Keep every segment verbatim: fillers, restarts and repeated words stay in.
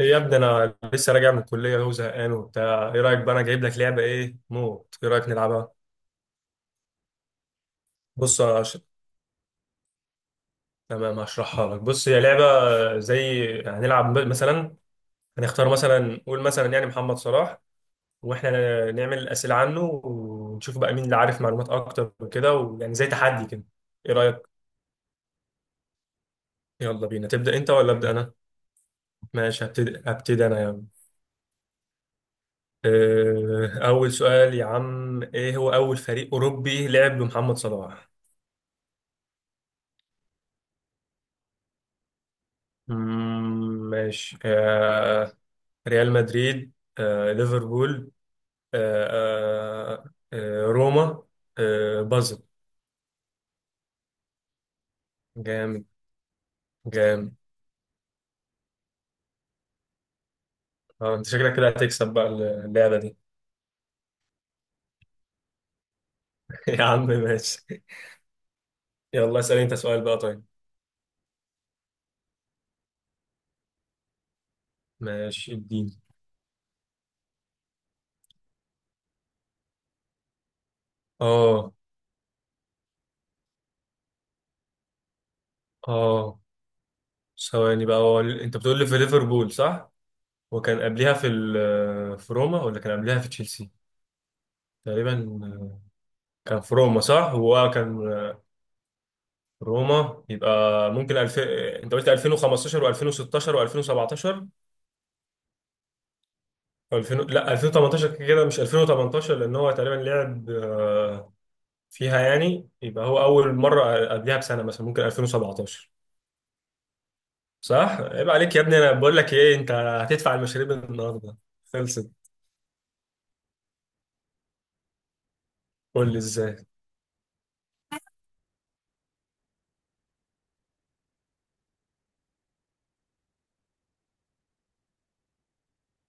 يا ابني، انا لسه راجع من الكليه وهو زهقان وبتاع. ايه رايك بقى؟ انا جايب لك لعبه ايه موت، ايه رايك نلعبها؟ بص أنا هش- تمام، هشرحها لك. بص، هي لعبه زي هنلعب ب- مثلا، هنختار مثلا، نقول مثلا يعني محمد صلاح، واحنا نعمل اسئله عنه، ونشوف بقى مين اللي عارف معلومات اكتر وكده، ويعني زي تحدي كده. ايه رايك؟ يلا بينا، تبدا انت ولا ابدا انا؟ ماشي، هبتدي هبتدي انا يعني. أه، اول سؤال يا عم، ايه هو اول فريق اوروبي لعب بمحمد صلاح؟ مم، ماشي. آه ريال مدريد، آه ليفربول، آه آه آه روما، آه بازل. جامد. جامد. آه انت شكلك كده هتكسب بقى اللعبة دي. يا عم ماشي. يلا اسأل انت سؤال بقى، طيب. ماشي، اديني. اه. اه، ثواني بقى. هو ال- انت بتقول لي في ليفربول صح؟ وكان قبلها في ال- في روما ولا كان قبلها في تشيلسي؟ تقريبا. كان في روما صح؟ هو كان روما يبقى. ممكن الف... انت قلت الفين وخمستاشر و2016 و2017. الفين، لا، الفين وتمنتاشر. كده كده مش الفين وتمنتاشر، لان هو تقريبا لعب آه، فيها يعني. يبقى هو اول مره قبلها بسنه، مثلا ممكن الفين وسبعتاشر. صح. عيب عليك يا ابني، انا بقول لك ايه؟ انت هتدفع المشاريب النهارده، خلصت. قول لي ازاي.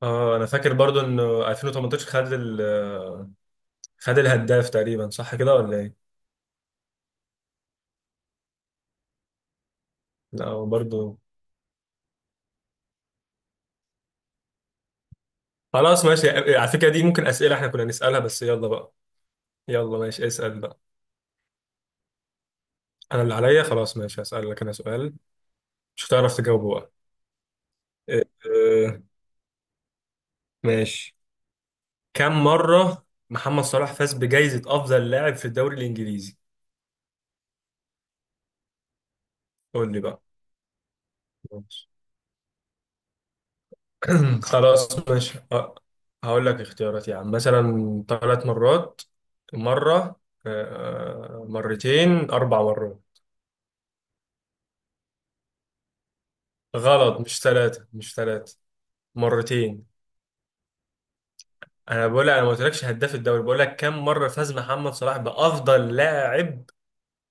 اه، انا فاكر برضو ان الفين وتمنتاشر خد ال... آه، خد الهداف تقريبا، صح كده ولا ايه؟ لا برضو. خلاص ماشي. آه، على فكره دي ممكن اسئله احنا كنا نسالها، بس يلا بقى. يلا ماشي، اسأل بقى. انا اللي عليا خلاص، ماشي. هسألك انا سؤال، مش هتعرف تجاوبه بقى. أه آه، ماشي. كم مرة محمد صلاح فاز بجائزة افضل لاعب في الدوري الانجليزي؟ قول لي بقى. ماشي. خلاص ماشي. أه، هقول لك اختيارات، يعني مثلا ثلاث مرات، مرة، آه، آه، مرتين، اربع مرات. غلط، مش ثلاثة، مش ثلاثة، مرتين. انا بقول لك، انا ما قلتلكش هداف الدوري، بقول لك كم مرة فاز محمد صلاح بافضل لاعب.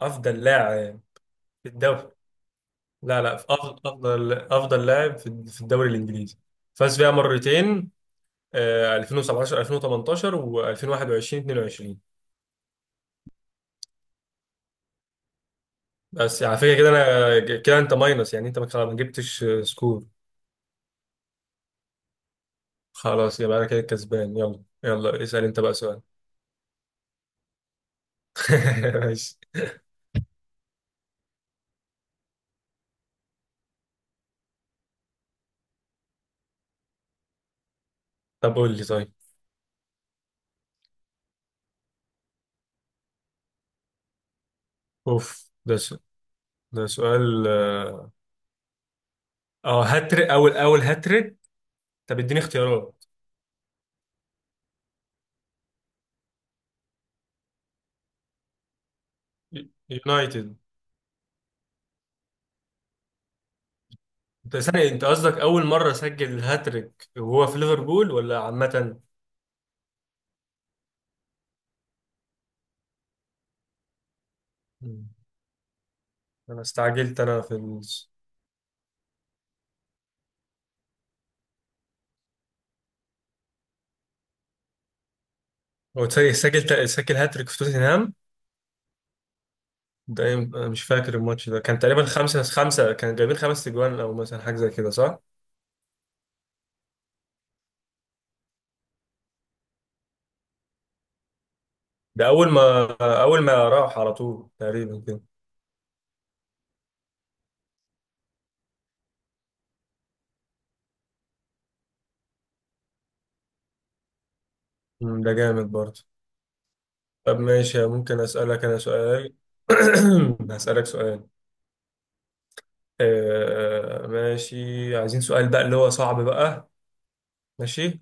افضل لاعب في الدوري. لا لا، في افضل، افضل افضل لاعب في في الدوري الانجليزي. فاز بيها مرتين. آه، الفين وسبعتاشر الفين وتمنتاشر و2021 اتنين وعشرين. بس على فكره كده، انا ج- كده انت ماينس يعني، انت ما خلاص ما جبتش آه، سكور. خلاص يبقى انا كده كسبان. يلا يلا، اسال انت بقى سؤال. ماشي. طب قول لي طيب. اوف، ده سؤال. ده سؤال اه. آه، هاتريك، اول اول هاتريك. طب اديني اختيارات. يونايتد. انت ثانية، انت قصدك اول مرة سجل الهاتريك وهو في ليفربول ولا عامة؟ مم. انا استعجلت، انا في ال... هو ثانية سجل سجل هاتريك في توتنهام؟ ده يم- انا مش فاكر الماتش ده، كان تقريبا خمسة خمسة، كان جايبين خمس تجوان او مثلا حاجة زي كده صح؟ ده اول ما اول ما راح على طول تقريبا كده. مم، ده جامد برضه. طب ماشي، ممكن اسألك انا سؤال؟ هسألك سؤال. آه ماشي، عايزين سؤال بقى اللي هو صعب بقى. ماشي.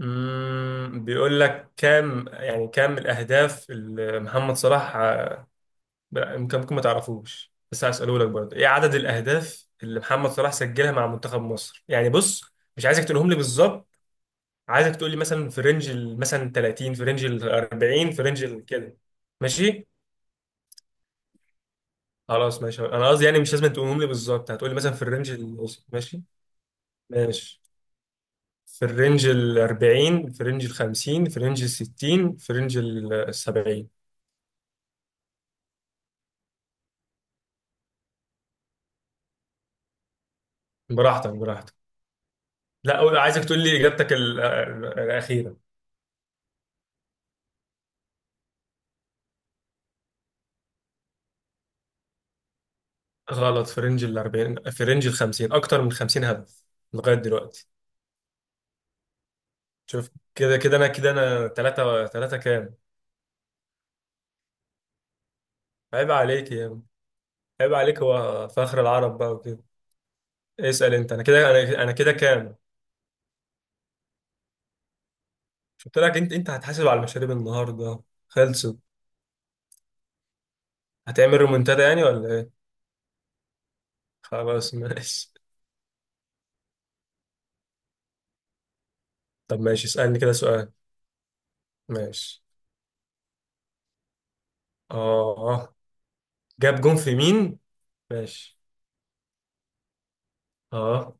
امم بيقول لك كام، يعني كام الاهداف اللي محمد صلاح، آه، يمكن ممكن ما تعرفوش، بس هسأله لك برضه. ايه عدد الاهداف اللي محمد صلاح سجلها مع منتخب مصر يعني؟ بص مش عايزك تقولهم لي بالظبط. عايزك تقول لي مثلا في رينج ال- مثلا تلاتين، في رينج ال اربعين، في رينج ال كده. ماشي. خلاص ماشي، انا قصدي يعني مش لازم تقولهم لي بالظبط، هتقول لي مثلا في الرينج ال. ماشي. ماشي. في الرينج ال اربعين، في رينج ال خمسين، في رينج ال ستين، في رينج ال سبعين. براحتك براحتك. لا أقول- عايزك تقول لي اجابتك ال- ال- الاخيره. غلط. في رينج ال اربعين، في رينج ال خمسين، اكتر من خمسين هدف لغايه دلوقتي. شوف، كده كده انا كده، انا ثلاثة ثلاثة كام؟ عيب عليك يا عم. عيب عليك، هو فخر العرب بقى وكده. اسال انت. انا كده، انا انا كده كام؟ مش قلت لك، انت انت هتحاسب على المشاريب النهارده، خلصت. هتعمل رومنتادا يعني ولا ايه؟ خلاص ماشي. طب ماشي، اسالني كده سؤال. ماشي. اه. آه. جاب جون في مين؟ ماشي. اه.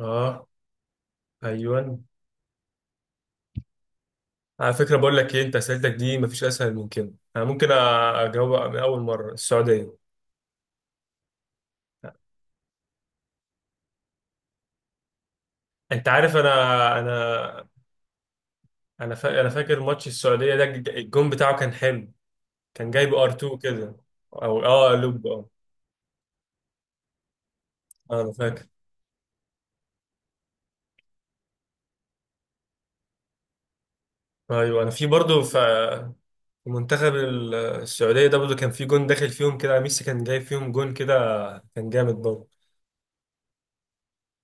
اه. ايوه. على فكره، بقول لك ايه، انت اسئلتك دي مفيش اسهل من كده، انا ممكن اجاوب من اول مره. السعوديه. انت عارف انا. انا انا فا... انا فاكر ماتش السعوديه ده، الج- الجون بتاعه كان حلو. كان جايب ار اتنين كده. او اه، لوب اه. آه، انا فاكر. ايوه انا في برضه، ف- في منتخب ال- السعوديه ده برضه كان في جون داخل فيهم كده، ميسي كان جايب فيهم جون كده، كان جامد برضه.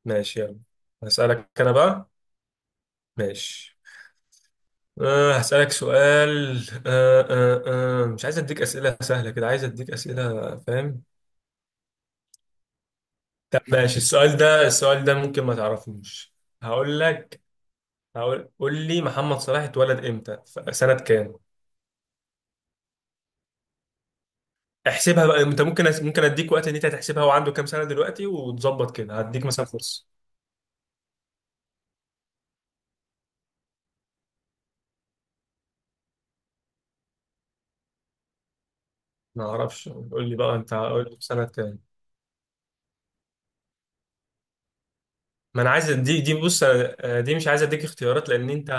ماشي يلا. هسألك انا بقى. ماشي. أه هسألك سؤال. أه أه أه مش عايز اديك أسئلة سهلة كده، عايز اديك أسئلة، فاهم؟ طب ماشي. السؤال ده السؤال ده ممكن ما تعرفوش. هقول لك. هقول قول لي محمد صلاح اتولد امتى، في سنة كام؟ احسبها بقى انت. ممكن ممكن اديك وقت ان انت تحسبها وعنده كام سنة دلوقتي وتظبط كده، هديك مثلا فرصة. ما اعرفش. قول لي بقى انت، قول لي في سنة كام. ما انا عايز دي دي، بص أنا- آه، دي مش عايز اديك اختيارات لان انت.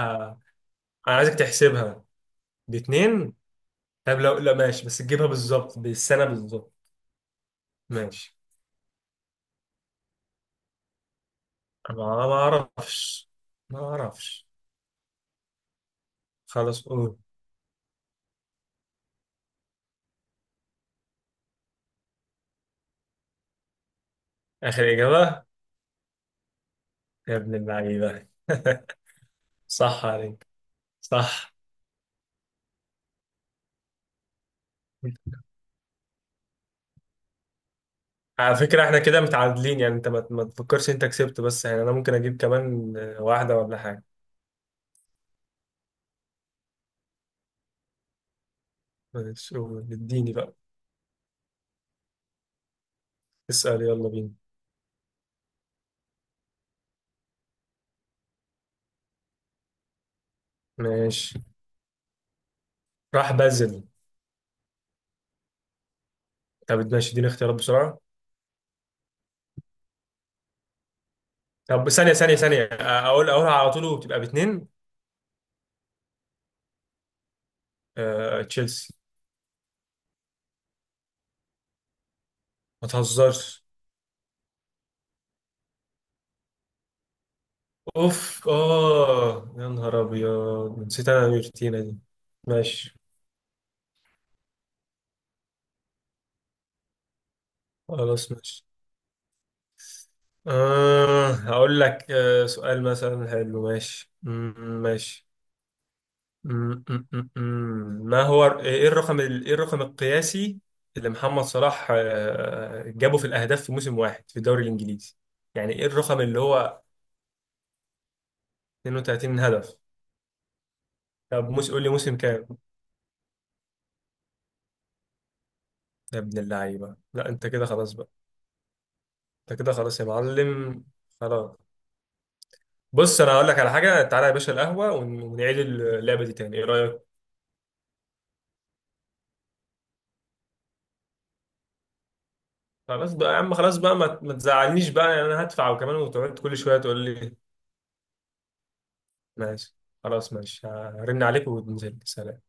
انا عايزك تحسبها. باتنين. طب لو لا، ماشي، بس تجيبها بالظبط، بالسنة بالظبط. ماشي. ما ما اعرفش. ما اعرفش. خلاص قول. آخر إجابة. يا ابن اللعيبة! صح عليك. صح. على فكرة، احنا كده متعادلين يعني، انت ما ما تفكرش انت كسبت، بس يعني انا ممكن اجيب كمان واحدة ولا حاجة. ماشي قول. اديني بقى. اسأل يلا بينا. ماشي. راح بازل. طب ماشي، اديني اختيارات بسرعة. طب ثانية، ثانية، ثانية، اقول اقولها على طول وبتبقى باتنين. آه، تشيلسي. ما تهزرش. اوف اه، يا نهار ابيض، نسيت انا الروتينه دي. ماشي. خلاص ماشي. آه هقول لك آه سؤال مثلا حلو. ماشي. مم، ماشي. مم، مم، مم، مم. ما هو، ايه الرقم ال- ايه الرقم القياسي اللي محمد صلاح آه جابه في الاهداف في موسم واحد في الدوري الانجليزي؟ يعني ايه الرقم اللي هو؟ اتنين وتلاتين هدف. طب موسم، قول لي موسم كام. يا ابن اللعيبه! لا انت كده خلاص بقى. انت كده خلاص يا معلم. خلاص. بص انا هقول لك على حاجه، تعالى يا باشا القهوه ون- ونعيد اللعبه دي تاني، ايه رايك؟ خلاص بقى يا عم، خلاص بقى ما ت- ما تزعلنيش بقى يعني، انا هدفع وكمان وتقعد كل شويه تقول لي. ماشي. خلاص ماشي، هرن عليك وننزل، سلام.